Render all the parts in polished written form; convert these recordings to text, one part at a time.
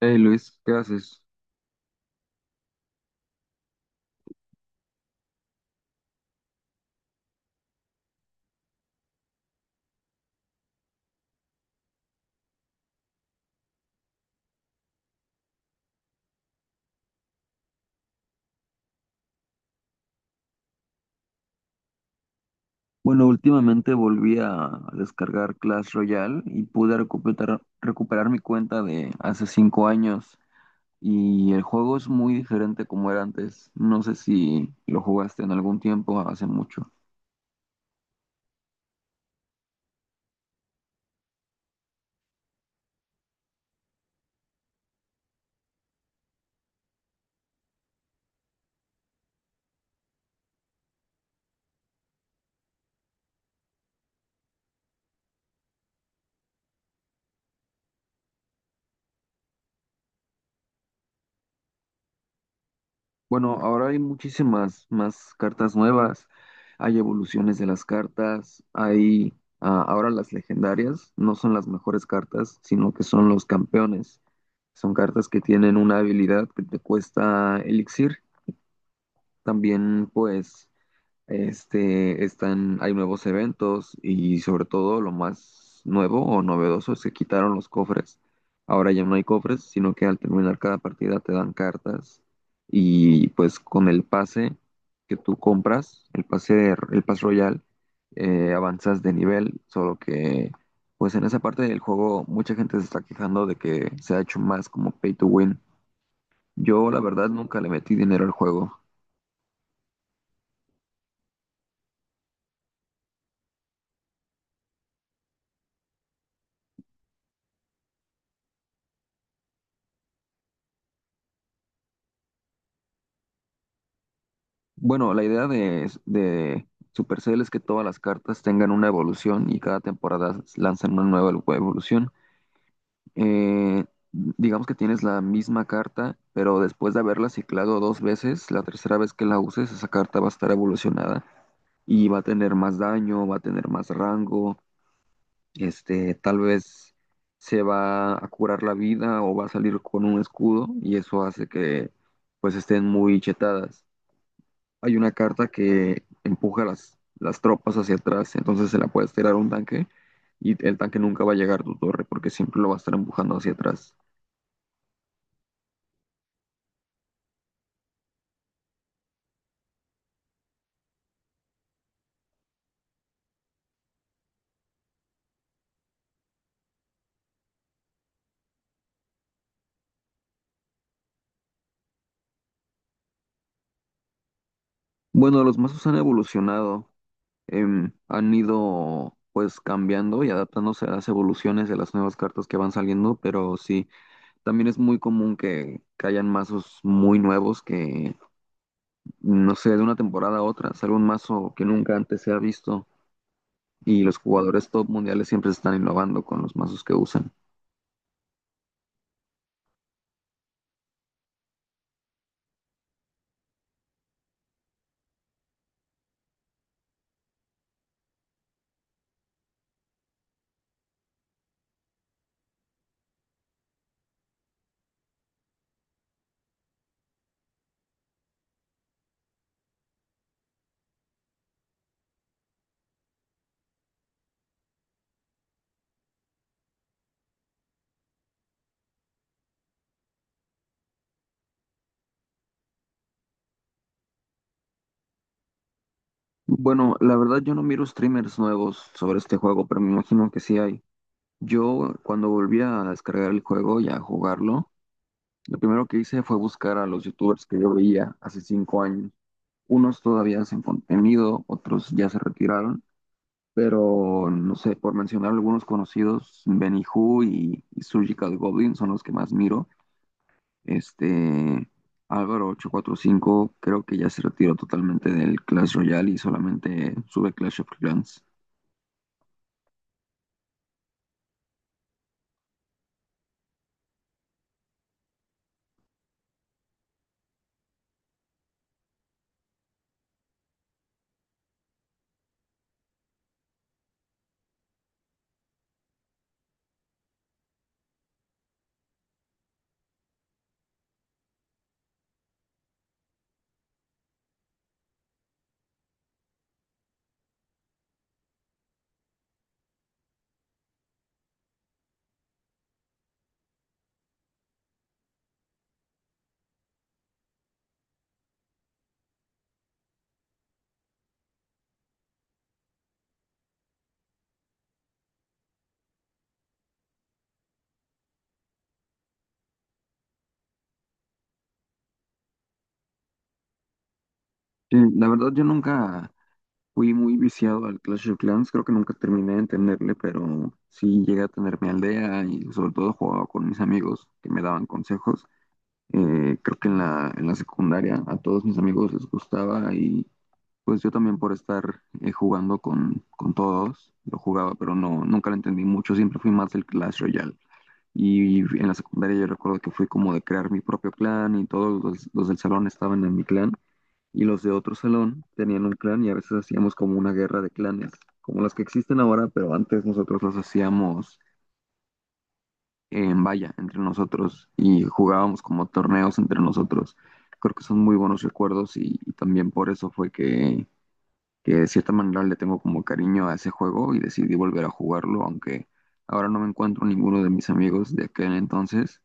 Hey Luis, ¿qué haces? Bueno, últimamente volví a descargar Clash Royale y pude recuperar mi cuenta de hace 5 años y el juego es muy diferente como era antes. No sé si lo jugaste en algún tiempo, hace mucho. Bueno, ahora hay muchísimas más cartas nuevas, hay evoluciones de las cartas, ahora las legendarias no son las mejores cartas, sino que son los campeones. Son cartas que tienen una habilidad que te cuesta elixir, también pues hay nuevos eventos, y sobre todo lo más nuevo o novedoso es que quitaron los cofres. Ahora ya no hay cofres, sino que al terminar cada partida te dan cartas, y pues con el pase que tú compras, el pase royal, avanzas de nivel, solo que pues en esa parte del juego mucha gente se está quejando de que se ha hecho más como pay to win. Yo la verdad nunca le metí dinero al juego. Bueno, la idea de Supercell es que todas las cartas tengan una evolución y cada temporada lanzan una nueva evolución. Eh, digamos que tienes la misma carta, pero después de haberla ciclado 2 veces, la tercera vez que la uses, esa carta va a estar evolucionada y va a tener más daño, va a tener más rango, tal vez se va a curar la vida o va a salir con un escudo, y eso hace que pues estén muy chetadas. Hay una carta que empuja las tropas hacia atrás, entonces se la puedes tirar a un tanque, y el tanque nunca va a llegar a tu torre porque siempre lo va a estar empujando hacia atrás. Bueno, los mazos han evolucionado, han ido pues cambiando y adaptándose a las evoluciones de las nuevas cartas que van saliendo, pero sí, también es muy común que hayan mazos muy nuevos que, no sé, de una temporada a otra sale un mazo que nunca antes se ha visto, y los jugadores top mundiales siempre están innovando con los mazos que usan. Bueno, la verdad yo no miro streamers nuevos sobre este juego, pero me imagino que sí hay. Yo cuando volví a descargar el juego y a jugarlo, lo primero que hice fue buscar a los youtubers que yo veía hace 5 años. Unos todavía sin contenido, otros ya se retiraron, pero no sé, por mencionar algunos conocidos, Benny Who y Surgical Goblin son los que más miro. Este, Álvaro 845 creo que ya se retiró totalmente del Clash Royale y solamente sube Clash of Clans. Sí, la verdad yo nunca fui muy viciado al Clash of Clans, creo que nunca terminé de entenderle, pero sí llegué a tener mi aldea, y sobre todo jugaba con mis amigos que me daban consejos. Creo que en la secundaria a todos mis amigos les gustaba, y pues yo también por estar jugando con todos lo jugaba, pero no, nunca lo entendí mucho, siempre fui más del Clash Royale. Y en la secundaria yo recuerdo que fui como de crear mi propio clan, y todos los del salón estaban en mi clan, y los de otro salón tenían un clan, y a veces hacíamos como una guerra de clanes, como las que existen ahora, pero antes nosotros los hacíamos en valla entre nosotros, y jugábamos como torneos entre nosotros. Creo que son muy buenos recuerdos, y también por eso fue que de cierta manera le tengo como cariño a ese juego y decidí volver a jugarlo, aunque ahora no me encuentro ninguno de mis amigos de aquel entonces.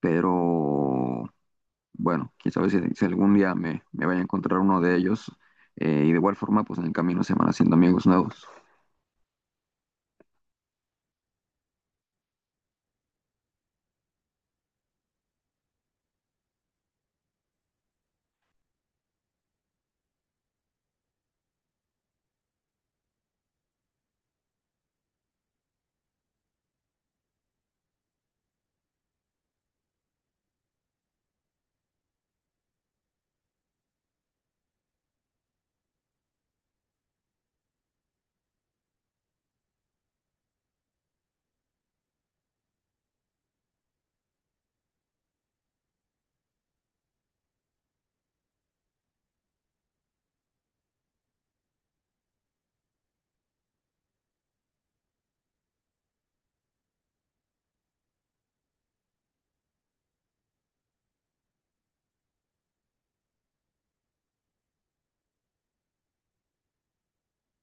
Pero bueno, quién sabe si, si algún día me vaya a encontrar uno de ellos, y de igual forma pues en el camino se van haciendo amigos nuevos.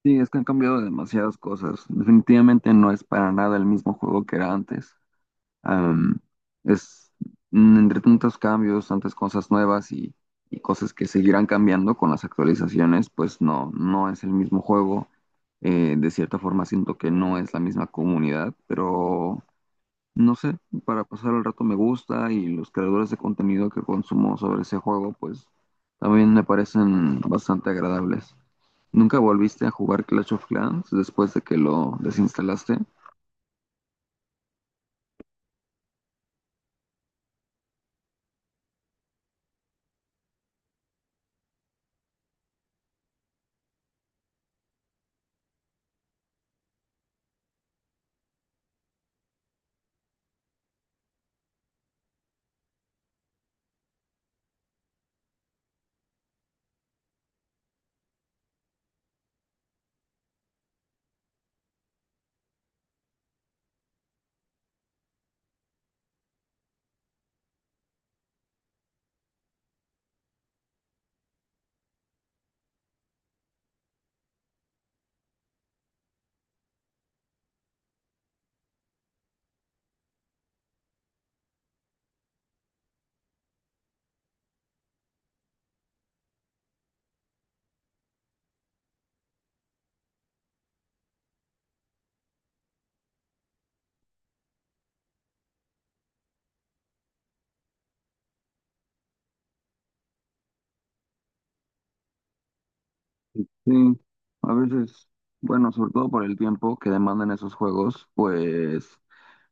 Sí, es que han cambiado demasiadas cosas. Definitivamente no es para nada el mismo juego que era antes. Am, es Entre tantos cambios, tantas cosas nuevas, y cosas que seguirán cambiando con las actualizaciones, pues no, no es el mismo juego. De cierta forma siento que no es la misma comunidad, pero no sé, para pasar el rato me gusta, y los creadores de contenido que consumo sobre ese juego, pues también me parecen bastante agradables. ¿Nunca volviste a jugar Clash of Clans después de que lo desinstalaste? Sí, a veces, bueno, sobre todo por el tiempo que demandan esos juegos, pues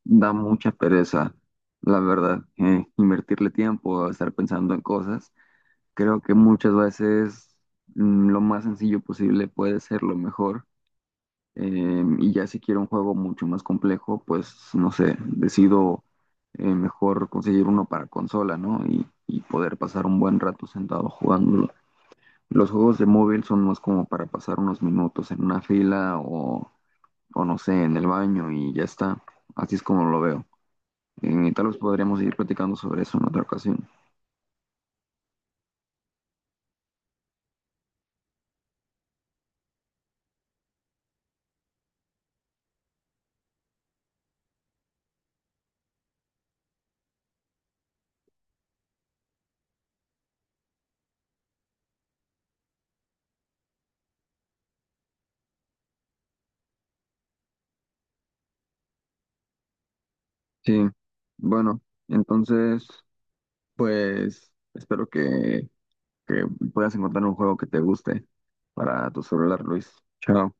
da mucha pereza, la verdad, invertirle tiempo a estar pensando en cosas. Creo que muchas veces lo más sencillo posible puede ser lo mejor. Y ya si quiero un juego mucho más complejo, pues no sé, decido mejor conseguir uno para consola, ¿no? Y poder pasar un buen rato sentado jugando. Los juegos de móvil son más como para pasar unos minutos en una fila, o no sé, en el baño, y ya está. Así es como lo veo. Tal vez podríamos seguir platicando sobre eso en otra ocasión. Sí, bueno, entonces, pues espero que puedas encontrar un juego que te guste para tu celular, Luis. Chao.